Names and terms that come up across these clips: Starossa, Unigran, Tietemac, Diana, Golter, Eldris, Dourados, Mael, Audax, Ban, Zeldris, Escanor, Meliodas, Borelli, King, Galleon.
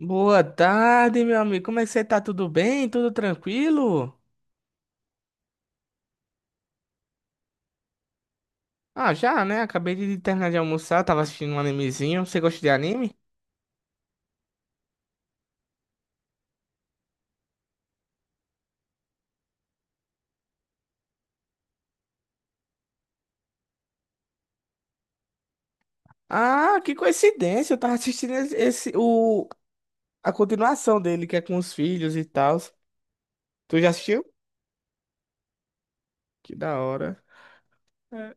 Boa tarde, meu amigo. Como é que você tá? Tudo bem? Tudo tranquilo? Ah, já, né? Acabei de terminar de almoçar, tava assistindo um animezinho. Você gosta de anime? Ah, que coincidência. Eu tava assistindo a continuação dele, que é com os filhos e tal. Tu já assistiu? Que da hora. É,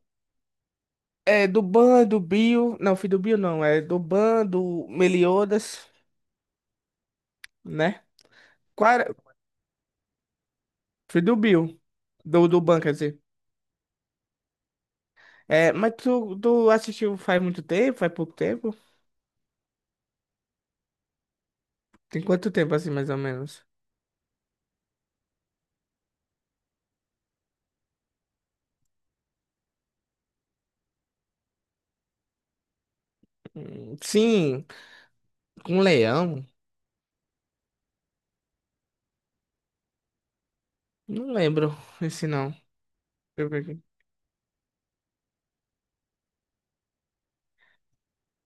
é do Ban, do Bill. Não, filho do Bill não. É do Ban, do Meliodas, né? Qual era? Filho do Bill. Do Ban, quer dizer. É, mas tu assistiu faz muito tempo? Faz pouco tempo? Tem quanto tempo assim, mais ou menos? Sim, com leão? Não lembro esse não. Deixa eu ver aqui.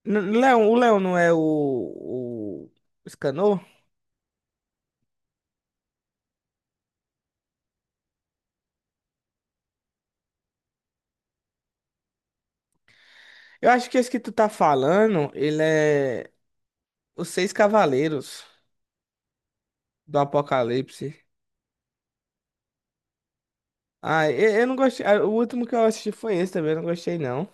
Leão, o leão não é o Escanor? Eu acho que esse que tu tá falando, ele é os Seis Cavaleiros do Apocalipse. Ah, eu não gostei. O último que eu assisti foi esse também, eu não gostei não.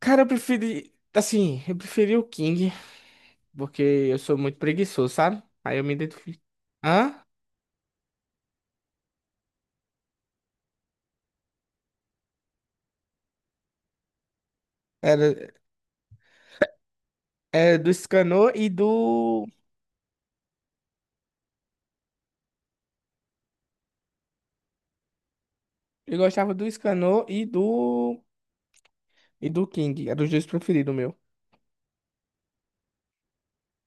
Cara, eu preferi, assim, eu preferi o King, porque eu sou muito preguiçoso, sabe? Aí eu me identifico. Hã? Era, era do Escanor e do. Eu gostava do Scanor e do. E do King. Eram os dois preferidos, meu.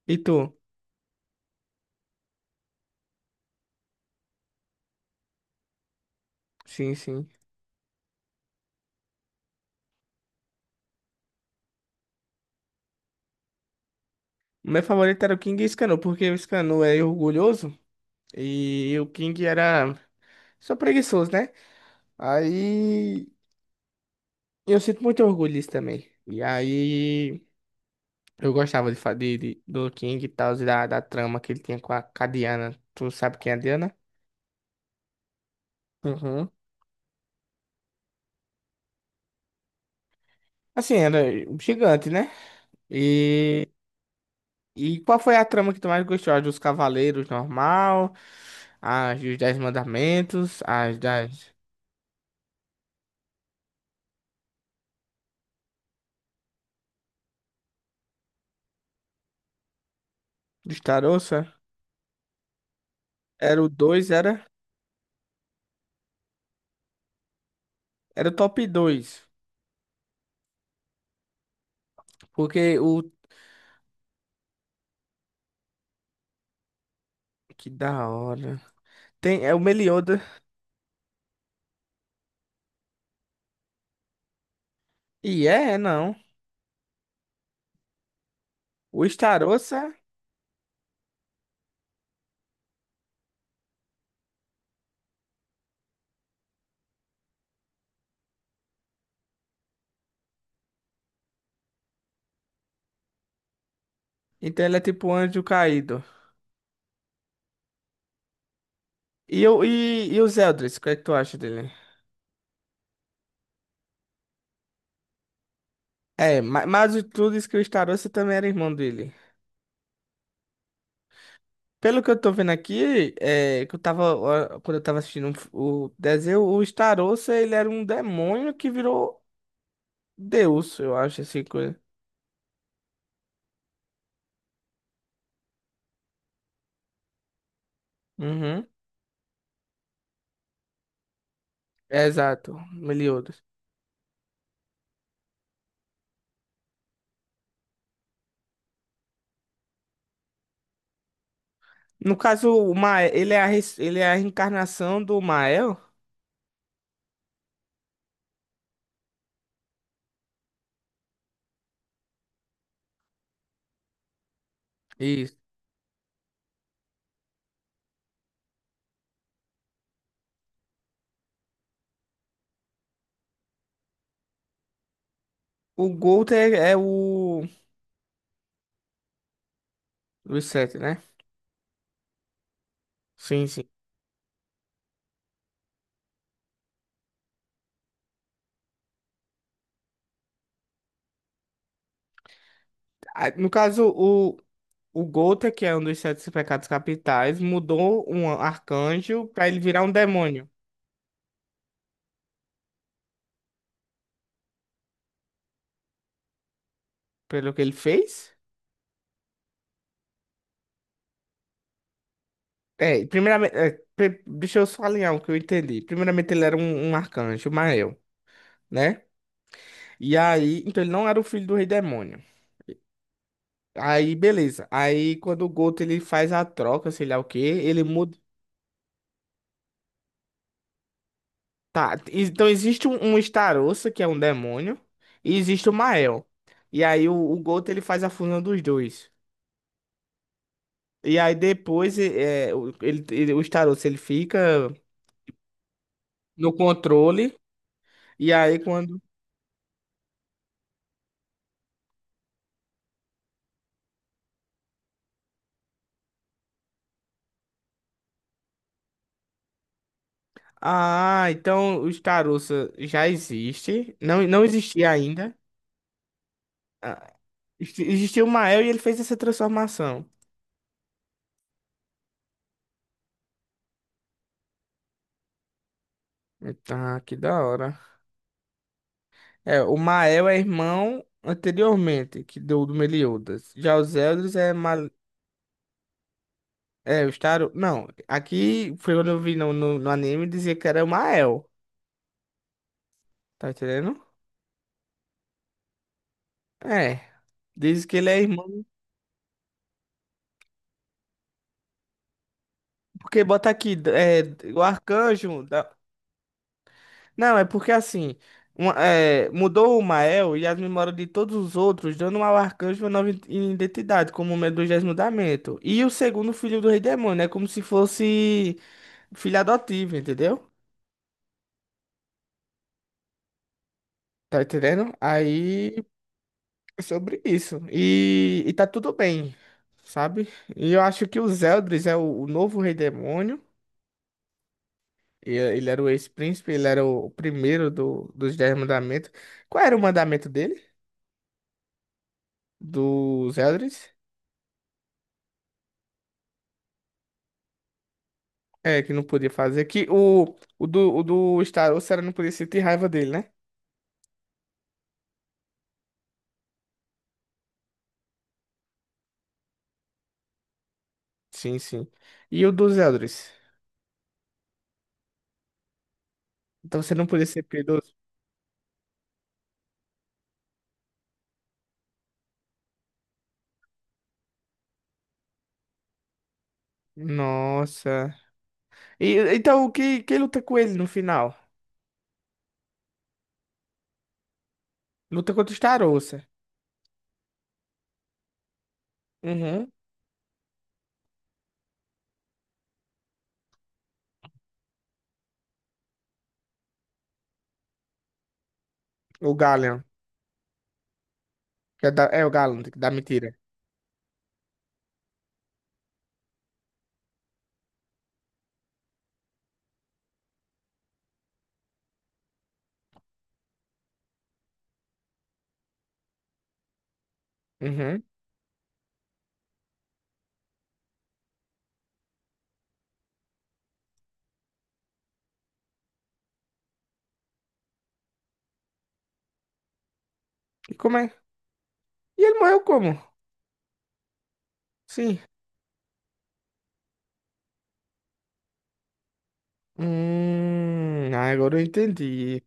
E tu? Sim, sim. O meu favorito era o King e o Scanor, porque o Scanor é orgulhoso e o King era só preguiçoso, né? Aí eu sinto muito orgulho disso também. E aí eu gostava de, fa- de- do King e tal, e da trama que ele tinha com a Diana. Tu sabe quem é a Diana? Uhum. Assim, era gigante, né? e E qual foi a trama que tu mais gostou? A dos Cavaleiros normal, a dos Dez Mandamentos, as das dos Tarossa? Era o 2, era? Era o top dois. Porque o. Que da hora. Tem, é o Meliodas. E é, é não. O Starossa, então ele é tipo um anjo caído. E, os Eldris, o que é que tu acha dele? É, mas, tu disse que o Starossa também era irmão dele. Pelo que eu tô vendo aqui, é, que eu tava, ó, quando eu tava assistindo o desenho, o Starossa, ele era um demônio que virou Deus, eu acho, assim, coisa. Uhum. É, exato, Meliodas. No caso, o Mael, ele é ele é a reencarnação do Mael. Isso. O Golter é o... dos sete, né? Sim, sim. Ah, no caso, o Golter, que é um dos sete pecados capitais, mudou um arcanjo pra ele virar um demônio. Pelo que ele fez... É, primeiramente, é, deixa eu só alinhar o que eu entendi. Primeiramente, ele era um arcanjo, Mael, né? E aí, então ele não era o filho do rei demônio. Aí, beleza. Aí, quando o Goto ele faz a troca, sei lá o quê, ele muda. Tá, então existe um Starossa, que é um demônio, e existe o Mael. E aí, o Goto ele faz a fusão dos dois. E aí, depois, é, o Starossa ele fica no controle. E aí, quando. Ah, então os Tarussa já existe. Não, não existia ainda. Ah, existia o Mael e ele fez essa transformação. Tá, que da hora. É, o Mael é irmão anteriormente que do Meliodas. Já os Eldris é, Mal... é os Taru... Não, aqui foi quando eu vi no anime dizia que era o Mael. Tá entendendo? É. Diz que ele é irmão, porque bota aqui, é, o arcanjo. Não, é porque assim, é, mudou o Mael e as memórias de todos os outros, dando ao arcanjo uma nova identidade, como o Medusésimo mudamento. E o segundo filho do Rei Demônio, é como se fosse filho adotivo, entendeu? Tá entendendo? Aí é sobre isso. E tá tudo bem, sabe? E eu acho que o Zeldris é o novo Rei Demônio. Ele era o ex-príncipe, ele era o primeiro dos Dez Mandamentos. Qual era o mandamento dele? Do Zeldris. É, que não podia fazer. Que o do Star Wars era não podia sentir raiva dele, né? Sim, sim. E o dos Eldris? Então você não podia ser piedoso? Nossa. E, então quem luta com ele no final? Luta contra o Star Wars. Uhum. O Galleon. Que é, é o Galleon, que dá mentira. Uhum. E como é? E ele morreu como? Sim. Ah, agora eu entendi.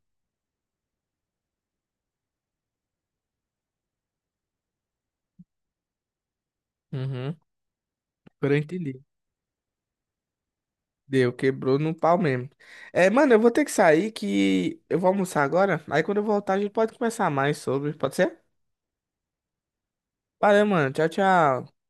Uhum. Agora eu entendi. Deu, quebrou no pau mesmo. É, mano, eu vou ter que sair que eu vou almoçar agora. Aí quando eu voltar, a gente pode conversar mais sobre. Pode ser? Valeu, mano. Tchau, tchau.